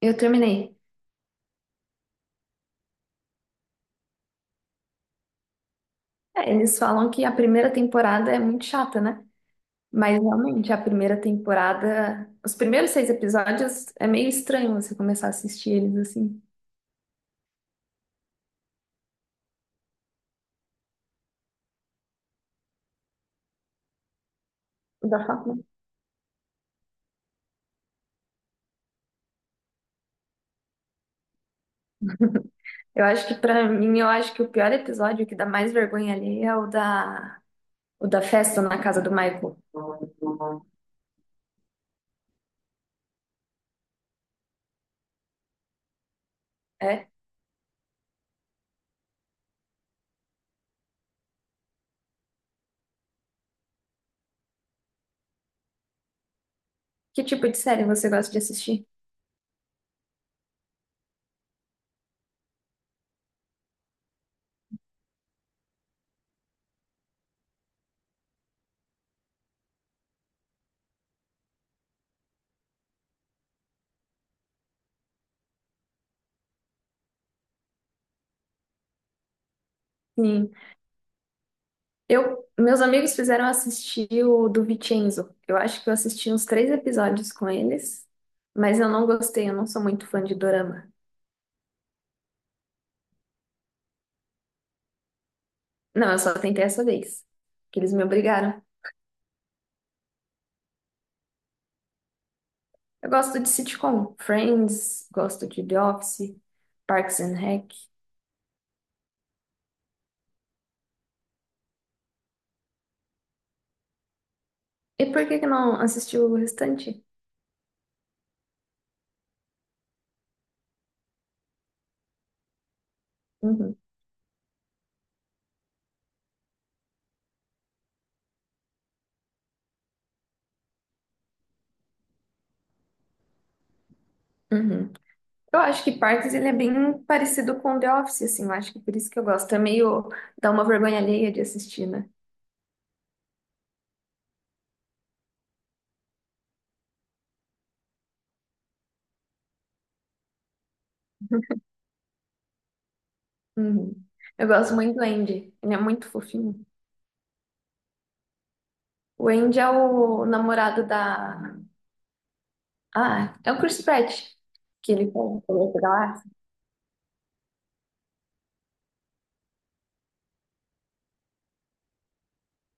Eu terminei. É, eles falam que a primeira temporada é muito chata, né? Mas realmente, a primeira temporada, os primeiros seis episódios é meio estranho você começar a assistir eles assim. Da faca. Eu acho que pra mim, eu acho que o pior episódio o que dá mais vergonha ali é o da festa na casa do Michael. É? Que tipo de série você gosta de assistir? Sim. Eu, meus amigos fizeram assistir o do Vincenzo. Eu acho que eu assisti uns três episódios com eles, mas eu não gostei, eu não sou muito fã de dorama. Não, eu só tentei essa vez, que eles me obrigaram. Eu gosto de sitcom, Friends, gosto de The Office, Parks and Rec. E por que que não assistiu o restante? Uhum, uhum. Eu acho que Parks ele é bem parecido com The Office, assim, eu acho que por isso que eu gosto. É meio dá uma vergonha alheia de assistir, né? Uhum. Eu gosto muito do Andy. Ele é muito fofinho. O Andy é o namorado da. Ah, é o Chris Pratt. Que ele falou da Galáxia.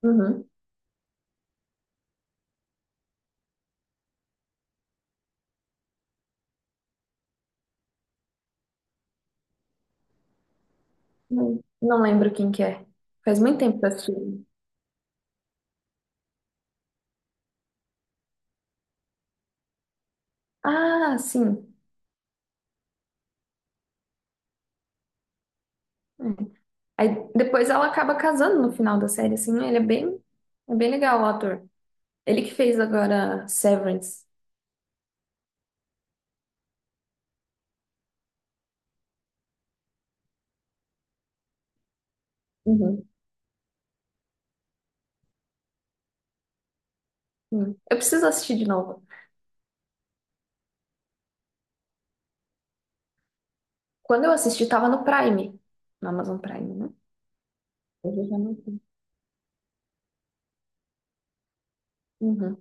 Uhum. Não, não lembro quem que é. Faz muito tempo que eu assisti. Ah, sim. É. Aí depois ela acaba casando no final da série, assim. Ele é bem legal, o ator. Ele que fez agora Severance. Uhum. Sim. Eu preciso assistir de novo. Quando eu assisti, tava no Prime. No Amazon Prime, né? Hoje eu já não sei.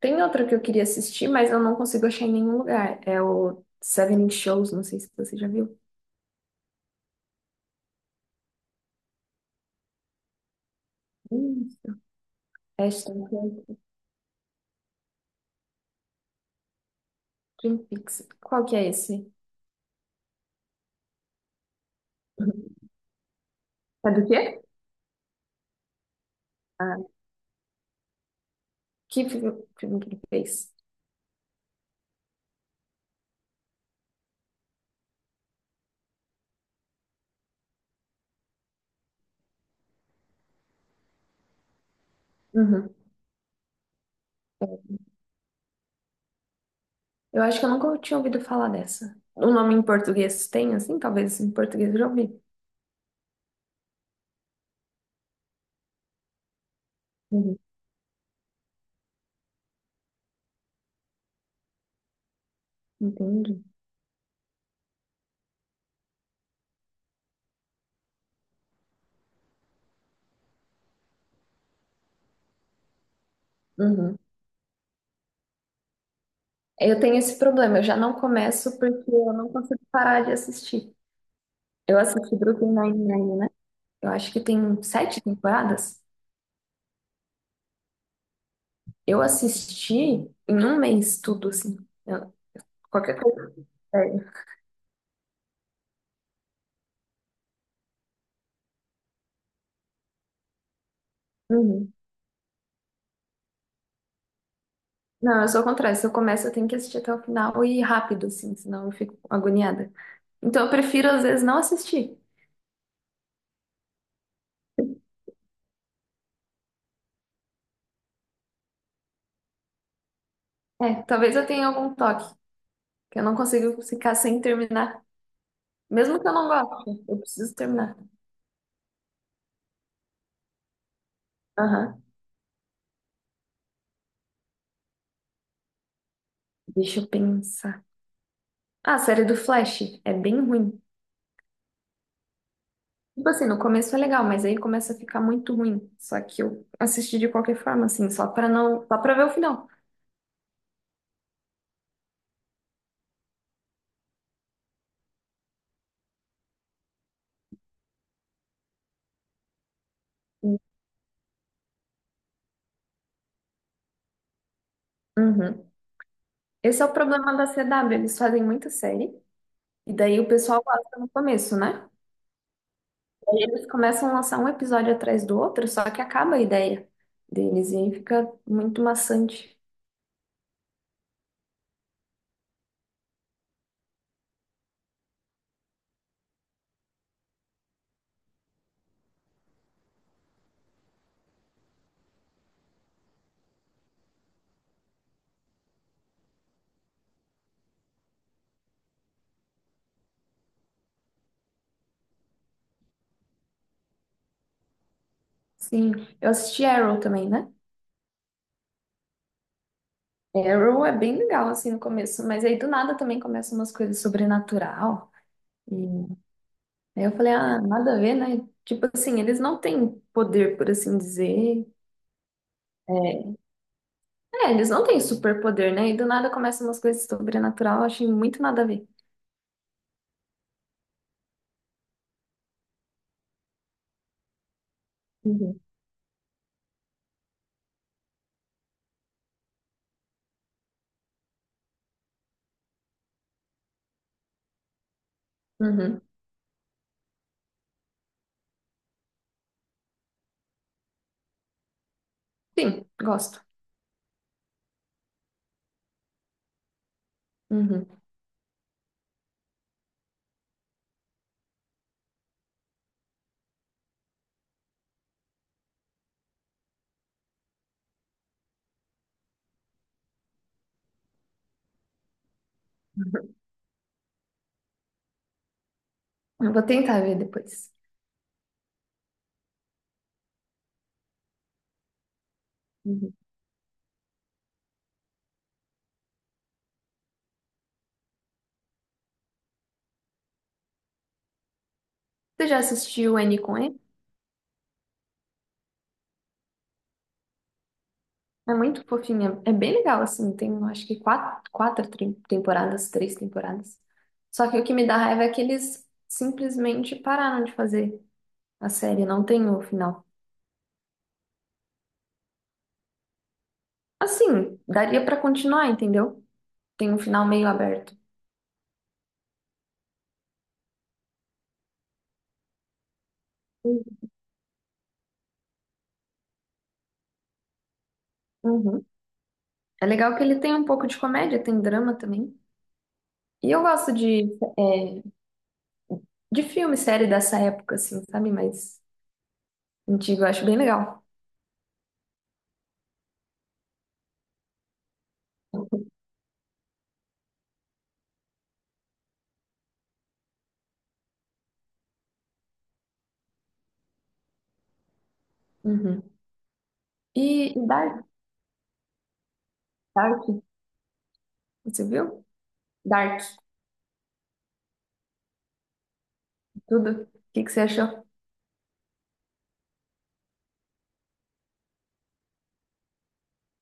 Tem outra que eu queria assistir, mas eu não consigo achar em nenhum lugar. É o Seven Shows, não sei se você já viu. Hum, Ashton Kutcher, Twin Peaks. Qual que é esse? É do quê? Ah, que fi- filme que ele fez? Uhum. Eu acho que eu nunca tinha ouvido falar dessa. O nome em português tem, assim? Talvez em português eu já ouvi. Uhum. Entendi. Uhum. Eu tenho esse problema, eu já não começo porque eu não consigo parar de assistir. Eu assisti Brooklyn Nine-Nine, né? Eu acho que tem sete temporadas. Eu assisti em um mês tudo, assim. Eu- qualquer coisa. Sério. Uhum. Não, eu sou o contrário. Se eu começo, eu tenho que assistir até o final e rápido, assim, senão eu fico agoniada. Então eu prefiro, às vezes, não assistir. É, talvez eu tenha algum toque, que eu não consigo ficar sem terminar. Mesmo que eu não goste, eu preciso terminar. Aham. Deixa eu pensar. Ah, a série do Flash é bem ruim. Tipo assim, no começo é legal, mas aí começa a ficar muito ruim. Só que eu assisti de qualquer forma, assim, só pra não, só pra ver o final. Uhum. Esse é o problema da CW, eles fazem muita série, e daí o pessoal gosta no começo, né? Aí eles começam a lançar um episódio atrás do outro, só que acaba a ideia deles, e aí fica muito maçante. Sim, eu assisti Arrow também, né? Arrow é bem legal, assim, no começo, mas aí do nada também começam umas coisas sobrenatural, e aí eu falei, ah, nada a ver, né? Tipo assim, eles não têm poder, por assim dizer, é, eles não têm superpoder, né? E do nada começam umas coisas sobrenatural, eu achei muito nada a ver. Uhum. Uhum. Sim, gosto. Uhum. Uhum. Eu vou tentar ver depois. Uhum. Você já assistiu N com E? É muito fofinha. É bem legal, assim. Tem, eu acho que quatro, temporadas, três temporadas. Só que o que me dá raiva é que eles simplesmente pararam de fazer a série. Não tem o final. Assim, daria pra continuar, entendeu? Tem um final meio aberto. Uhum. É legal que ele tem um pouco de comédia, tem drama também. E eu gosto de é, de filme, série dessa época, assim, sabe? Mas antigo, eu acho bem legal. Uhum. E Dark, Dark, você viu? Dark, tudo. O que que você achou?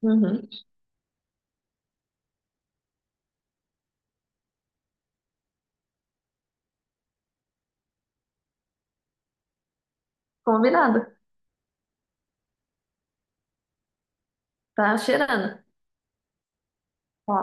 Uhum. Combinado. Tá cheirando. Ó.